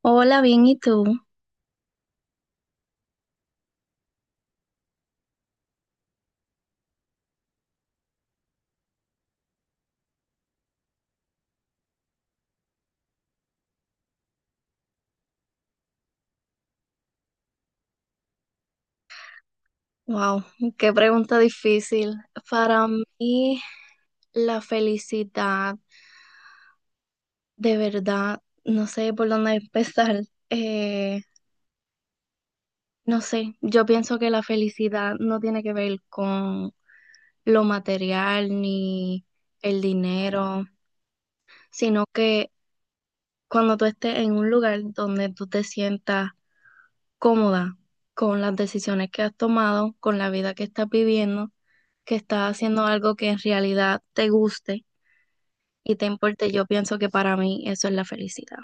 Hola, bien, ¿y tú? Wow, qué pregunta difícil. Para mí, la felicidad, de verdad, no sé por dónde empezar. Eh, no sé, yo pienso que la felicidad no tiene que ver con lo material ni el dinero, sino que cuando tú estés en un lugar donde tú te sientas cómoda con las decisiones que has tomado, con la vida que estás viviendo, que estás haciendo algo que en realidad te guste y te importe. Yo pienso que para mí eso es la felicidad.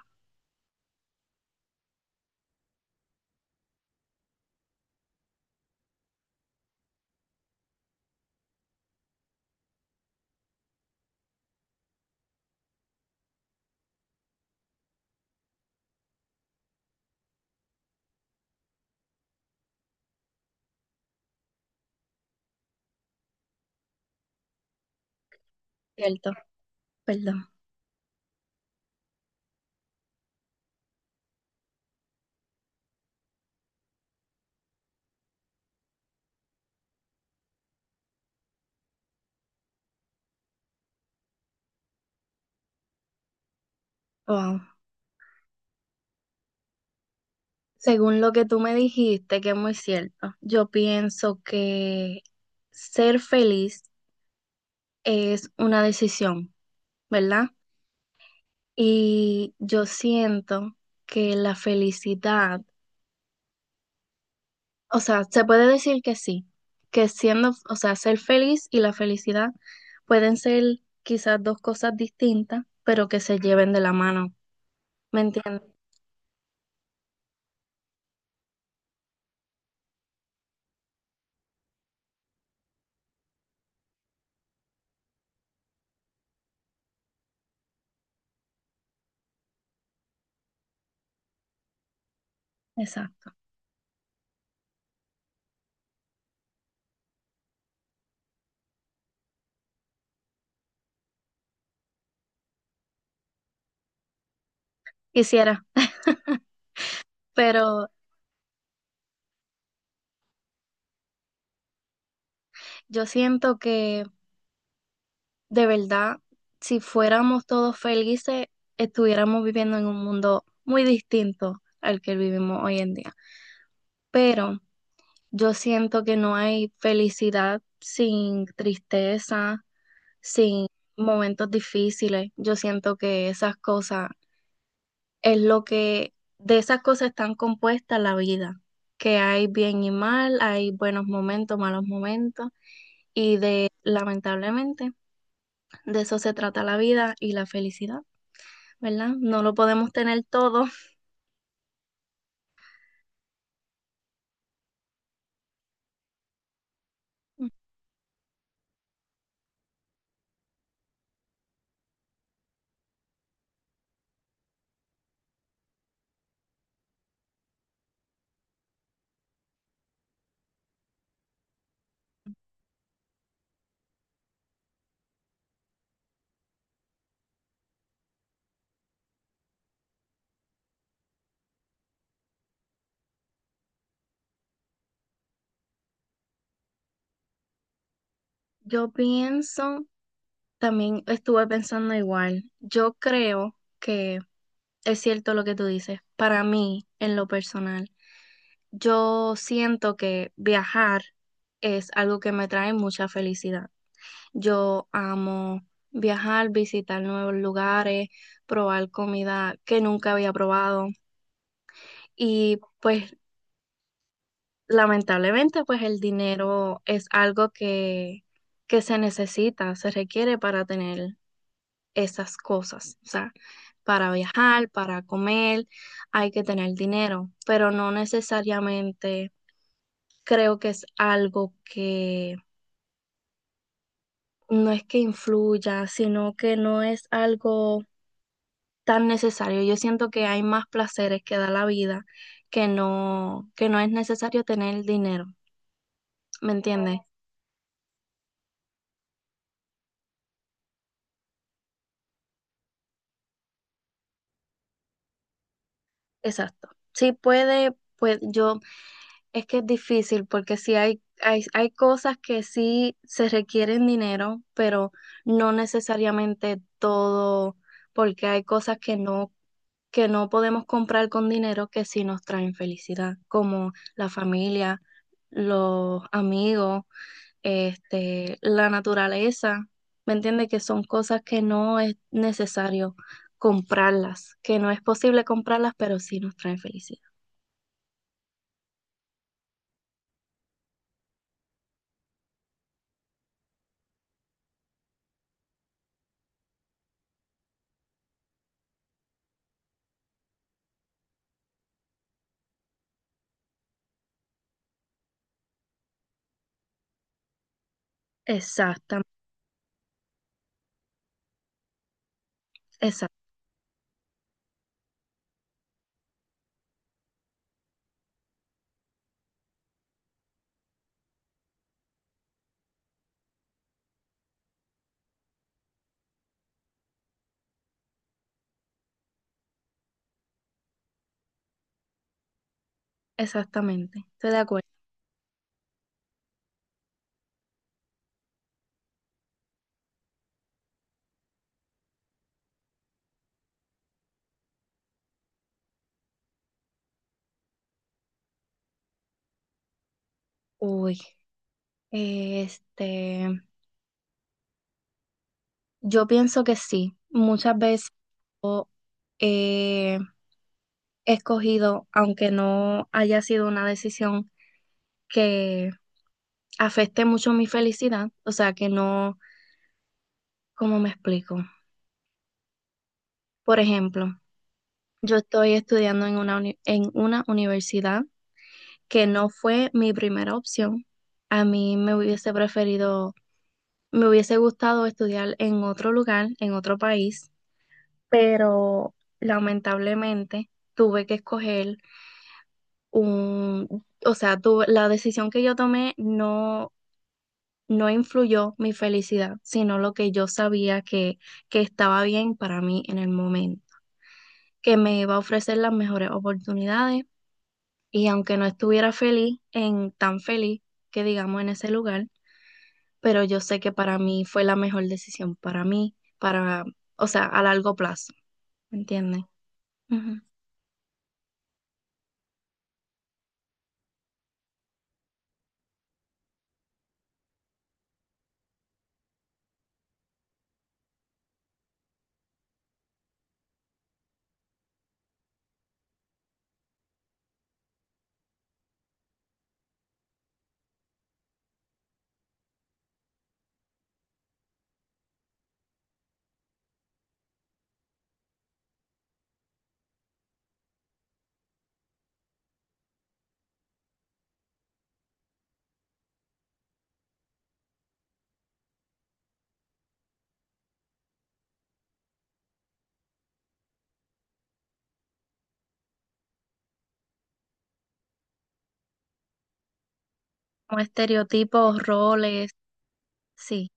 Cierto, perdón. Wow. Según lo que tú me dijiste, que es muy cierto, yo pienso que ser feliz es una decisión, ¿verdad? Y yo siento que la felicidad, o sea, se puede decir que sí, que siendo, o sea, ser feliz y la felicidad pueden ser quizás dos cosas distintas, pero que se lleven de la mano, ¿me entiendes? Exacto. Quisiera, pero yo siento que de verdad, si fuéramos todos felices, estuviéramos viviendo en un mundo muy distinto al que vivimos hoy en día. Pero yo siento que no hay felicidad sin tristeza, sin momentos difíciles. Yo siento que esas cosas es lo que, de esas cosas están compuestas la vida, que hay bien y mal, hay buenos momentos, malos momentos, y de, lamentablemente, de eso se trata la vida y la felicidad, ¿verdad? No lo podemos tener todo. Yo pienso también estuve pensando igual. Yo creo que es cierto lo que tú dices. Para mí, en lo personal, yo siento que viajar es algo que me trae mucha felicidad. Yo amo viajar, visitar nuevos lugares, probar comida que nunca había probado. Y pues lamentablemente, pues el dinero es algo que se necesita, se requiere para tener esas cosas. O sea, para viajar, para comer, hay que tener dinero, pero no necesariamente creo que es algo que no es que influya, sino que no es algo tan necesario. Yo siento que hay más placeres que da la vida que no es necesario tener dinero, ¿me entiendes? Exacto. Sí puede, pues yo es que es difícil porque sí hay cosas que sí se requieren dinero, pero no necesariamente todo, porque hay cosas que no podemos comprar con dinero que sí nos traen felicidad, como la familia, los amigos, este, la naturaleza. ¿Me entiende? Que son cosas que no es necesario comprarlas, que no es posible comprarlas, pero sí nos traen felicidad. Exactamente. Exactamente, estoy de acuerdo. Uy, este, yo pienso que sí. Muchas veces yo he escogido, aunque no haya sido una decisión que afecte mucho mi felicidad, o sea, que no, ¿cómo me explico? Por ejemplo, yo estoy estudiando en en una universidad que no fue mi primera opción. A mí me hubiese preferido me hubiese gustado estudiar en otro lugar, en otro país, pero lamentablemente tuve que escoger un, o sea, tuve, la decisión que yo tomé no, no influyó mi felicidad, sino lo que yo sabía que estaba bien para mí en el momento, que me iba a ofrecer las mejores oportunidades y aunque no estuviera feliz, en tan feliz que digamos en ese lugar, pero yo sé que para mí fue la mejor decisión, para mí, para, o sea, a largo plazo, ¿me entiendes? Ujú. Como estereotipos, roles, sí,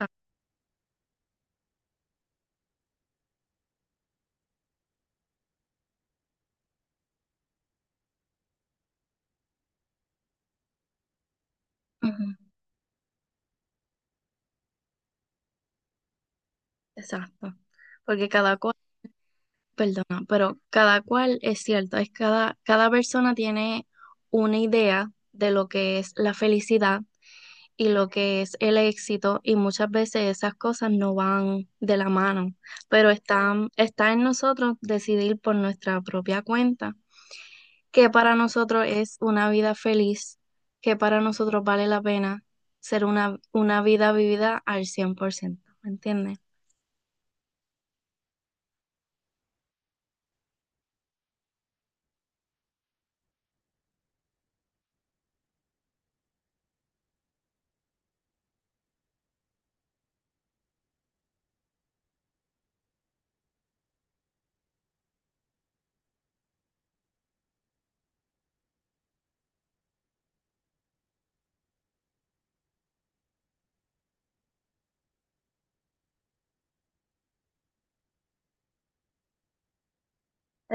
ah, ujú, exacto. Porque cada cual, perdona, pero cada cual es cierto, es cada, cada persona tiene una idea de lo que es la felicidad y lo que es el éxito, y muchas veces esas cosas no van de la mano, pero están, está en nosotros decidir por nuestra propia cuenta que para nosotros es una vida feliz, que para nosotros vale la pena ser una vida vivida al 100%, ¿me entiendes?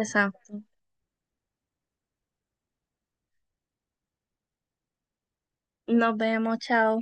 Exacto. Nos vemos, chao.